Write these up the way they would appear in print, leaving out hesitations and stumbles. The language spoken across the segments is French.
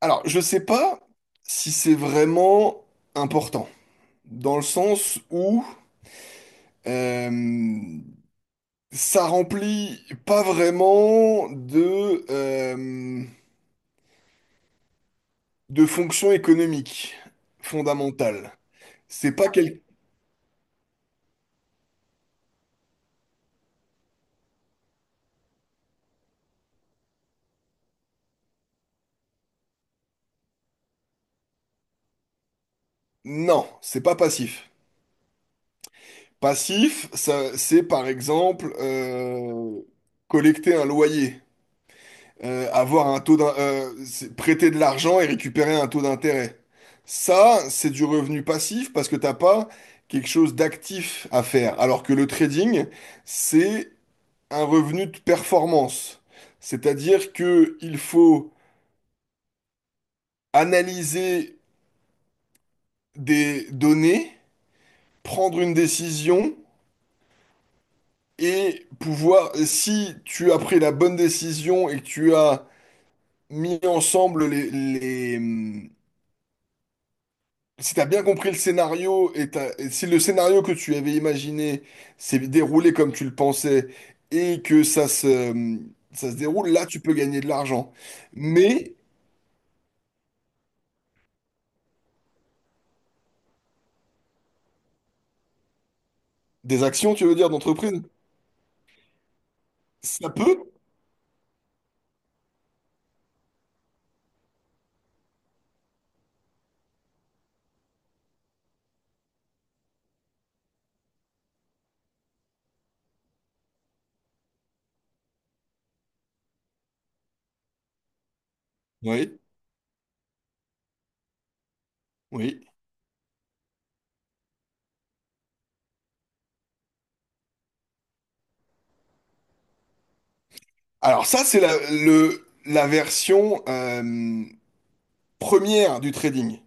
Alors, je sais pas si c'est vraiment important, dans le sens où euh, ça remplit pas vraiment de de fonction économique fondamentale. C'est pas quel... Non, c'est pas passif. Passif, ça, c'est par exemple collecter un loyer. Avoir un taux d'in- c'est prêter de l'argent et récupérer un taux d'intérêt. Ça, c'est du revenu passif parce que t'as pas quelque chose d'actif à faire. Alors que le trading, c'est un revenu de performance. C'est-à-dire que il faut analyser des données, prendre une décision et pouvoir, si tu as pris la bonne décision et que tu as mis ensemble les, si t'as bien compris le scénario et et si le scénario que tu avais imaginé s'est déroulé comme tu le pensais et que ça se déroule, là tu peux gagner de l'argent. Mais des actions, tu veux dire, d'entreprise, ça peut? Oui, oui. Alors ça, c'est la version première du trading.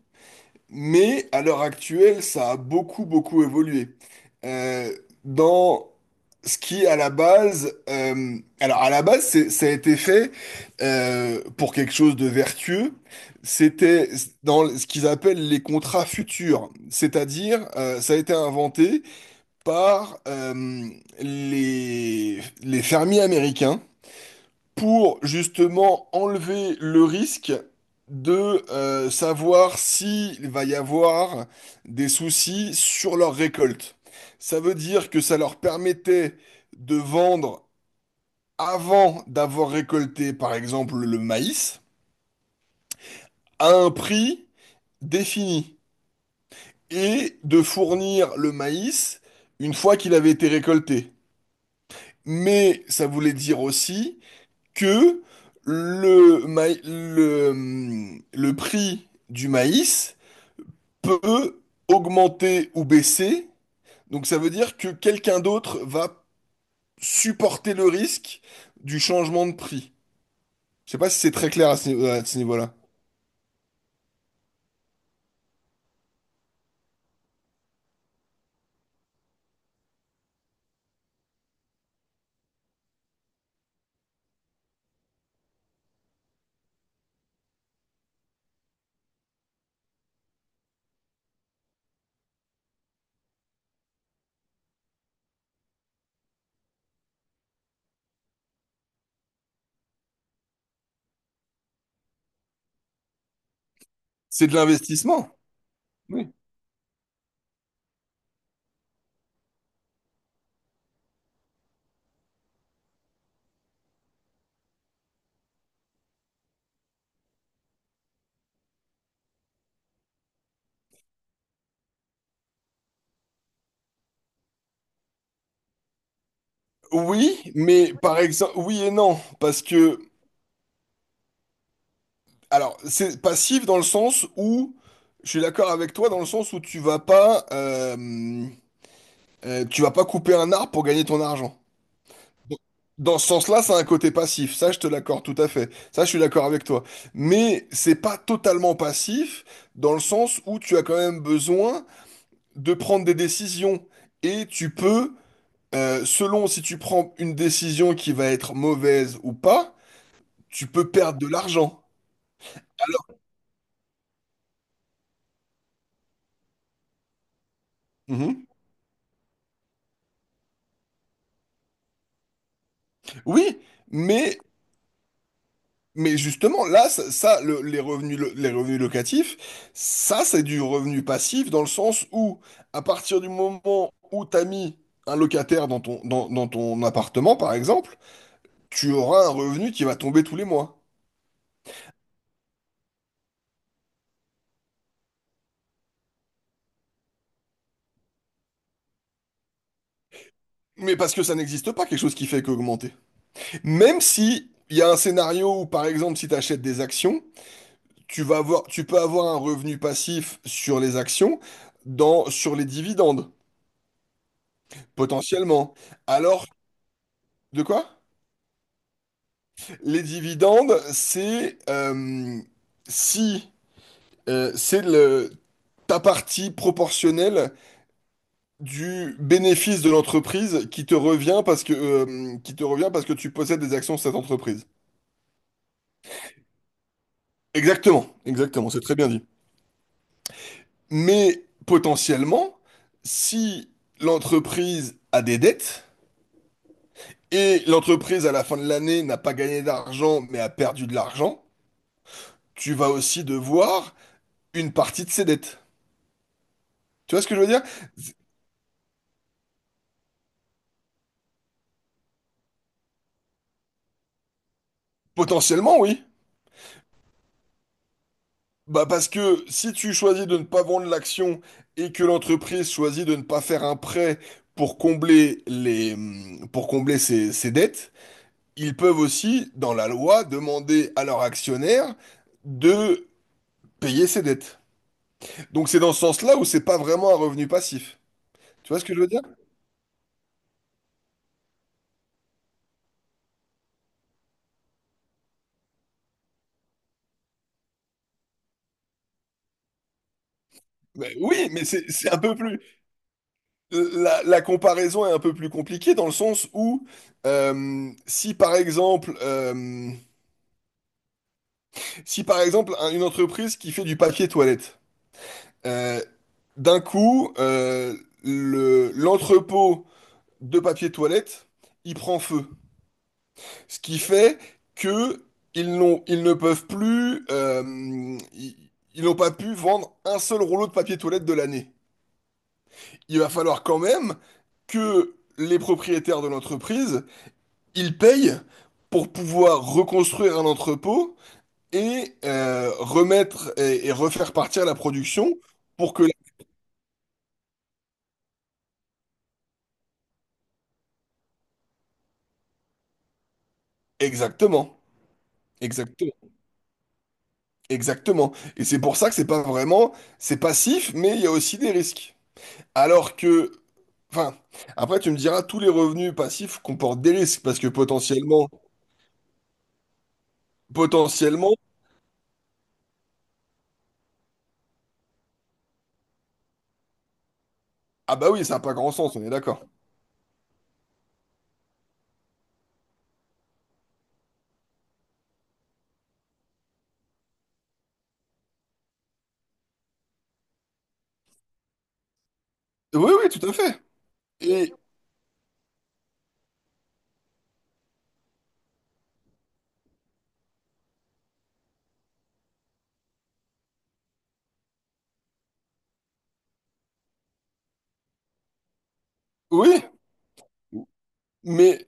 Mais à l'heure actuelle, ça a beaucoup, beaucoup évolué. Euh, dans ce qui, à la base, alors à la base, ça a été fait pour quelque chose de vertueux. C'était dans ce qu'ils appellent les contrats futurs, c'est-à-dire ça a été inventé par les fermiers américains pour justement enlever le risque de savoir s'il va y avoir des soucis sur leur récolte. Ça veut dire que ça leur permettait de vendre avant d'avoir récolté, par exemple, le maïs, à un prix défini, et de fournir le maïs une fois qu'il avait été récolté. Mais ça voulait dire aussi que le prix du maïs peut augmenter ou baisser. Donc ça veut dire que quelqu'un d'autre va supporter le risque du changement de prix. Je sais pas si c'est très clair à à ce niveau-là. C'est de l'investissement. Oui. Oui, mais par exemple, oui et non, parce que, alors, c'est passif dans le sens où, je suis d'accord avec toi, dans le sens où tu vas pas couper un arbre pour gagner ton argent. Dans ce sens-là, ça a un côté passif. Ça, je te l'accorde tout à fait. Ça, je suis d'accord avec toi. Mais c'est pas totalement passif dans le sens où tu as quand même besoin de prendre des décisions. Et tu peux, selon si tu prends une décision qui va être mauvaise ou pas, tu peux perdre de l'argent. Alors, mhm. Oui, mais Mais justement, là, les revenus locatifs, ça, c'est du revenu passif dans le sens où, à partir du moment où tu as mis un locataire dans dans ton appartement, par exemple, tu auras un revenu qui va tomber tous les mois. Mais parce que ça n'existe pas, quelque chose qui fait qu'augmenter. Même si il y a un scénario où, par exemple, si tu achètes des actions, tu peux avoir un revenu passif sur les actions, sur les dividendes, potentiellement. Alors, de quoi? Les dividendes, c'est si c'est le ta partie proportionnelle du bénéfice de l'entreprise qui te revient parce que tu possèdes des actions de cette entreprise. Exactement, exactement, c'est très bien dit. Mais potentiellement, si l'entreprise a des dettes et l'entreprise à la fin de l'année n'a pas gagné d'argent mais a perdu de l'argent, tu vas aussi devoir une partie de ses dettes. Tu vois ce que je veux dire? Potentiellement, oui. Bah parce que si tu choisis de ne pas vendre l'action et que l'entreprise choisit de ne pas faire un prêt pour combler ses dettes, ils peuvent aussi, dans la loi, demander à leurs actionnaires de payer ses dettes. Donc c'est dans ce sens-là où c'est pas vraiment un revenu passif. Tu vois ce que je veux dire? Ben oui, mais c'est un peu plus... La comparaison est un peu plus compliquée dans le sens où euh, si par exemple... euh, si par exemple une entreprise qui fait du papier toilette, euh, d'un coup, l'entrepôt de papier toilette, il prend feu. Ce qui fait que ils ne peuvent plus, ils, ils n'ont pas pu vendre un seul rouleau de papier toilette de l'année. Il va falloir quand même que les propriétaires de l'entreprise, ils payent pour pouvoir reconstruire un entrepôt et remettre et refaire partir la production pour que... Exactement, exactement, exactement. Et c'est pour ça que c'est pas vraiment, c'est passif, mais il y a aussi des risques. Alors que, enfin, après tu me diras, tous les revenus passifs comportent des risques parce que potentiellement, ah bah oui, ça n'a pas grand sens, on est d'accord. Oui, oui, tout à fait. Et oui, mais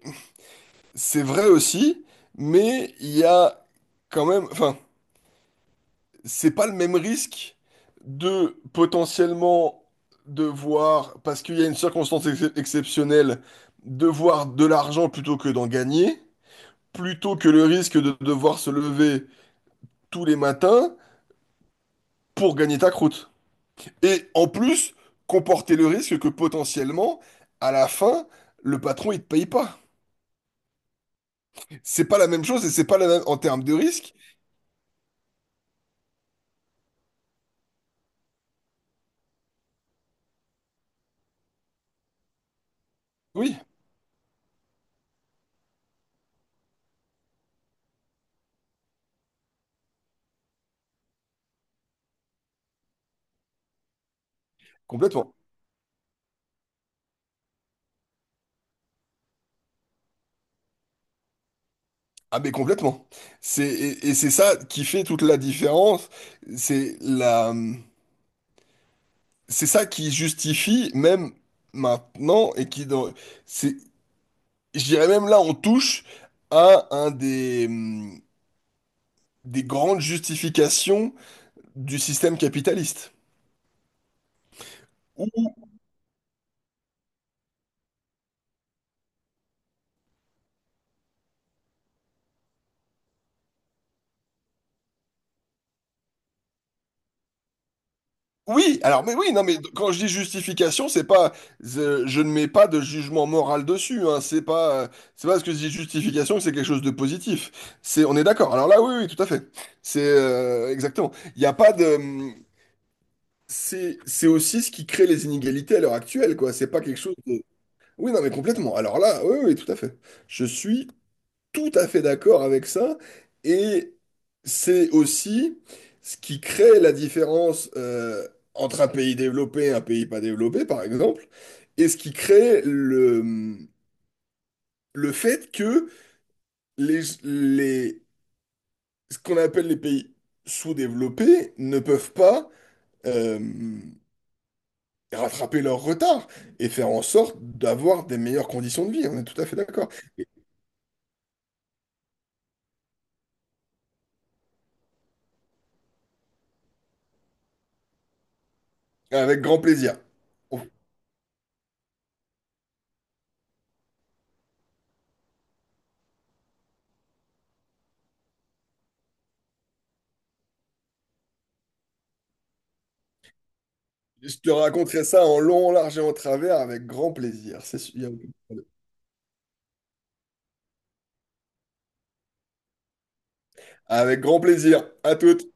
c'est vrai aussi, mais il y a quand même, enfin, c'est pas le même risque de potentiellement devoir, parce qu'il y a une circonstance exceptionnelle, devoir de l'argent plutôt que d'en gagner, plutôt que le risque de devoir se lever tous les matins pour gagner ta croûte. Et en plus, comporter le risque que potentiellement, à la fin, le patron, il te paye pas. C'est pas la même chose et c'est pas la même en termes de risque. Oui, complètement. Ah mais complètement. Et c'est ça qui fait toute la différence. C'est la c'est ça qui justifie même maintenant et qui dans c'est je dirais même là on touche à un des grandes justifications du système capitaliste. Oui, alors mais oui, non mais quand je dis justification, c'est pas je, je ne mets pas de jugement moral dessus, hein, c'est pas parce que je dis justification que c'est quelque chose de positif. C'est on est d'accord. Alors là oui oui, tout à fait. C'est exactement. Il n'y a pas de c'est aussi ce qui crée les inégalités à l'heure actuelle quoi, c'est pas quelque chose de oui, non mais complètement. Alors là oui oui, tout à fait. Je suis tout à fait d'accord avec ça. Et c'est aussi ce qui crée la différence entre un pays développé et un pays pas développé, par exemple, et ce qui crée le fait que les, les, ce qu'on appelle les pays sous-développés ne peuvent pas euh, rattraper leur retard et faire en sorte d'avoir des meilleures conditions de vie. On est tout à fait d'accord. Avec grand plaisir. Je te raconterai ça en long, en large et en travers avec grand plaisir. C'est sûr. Avec grand plaisir. À toutes.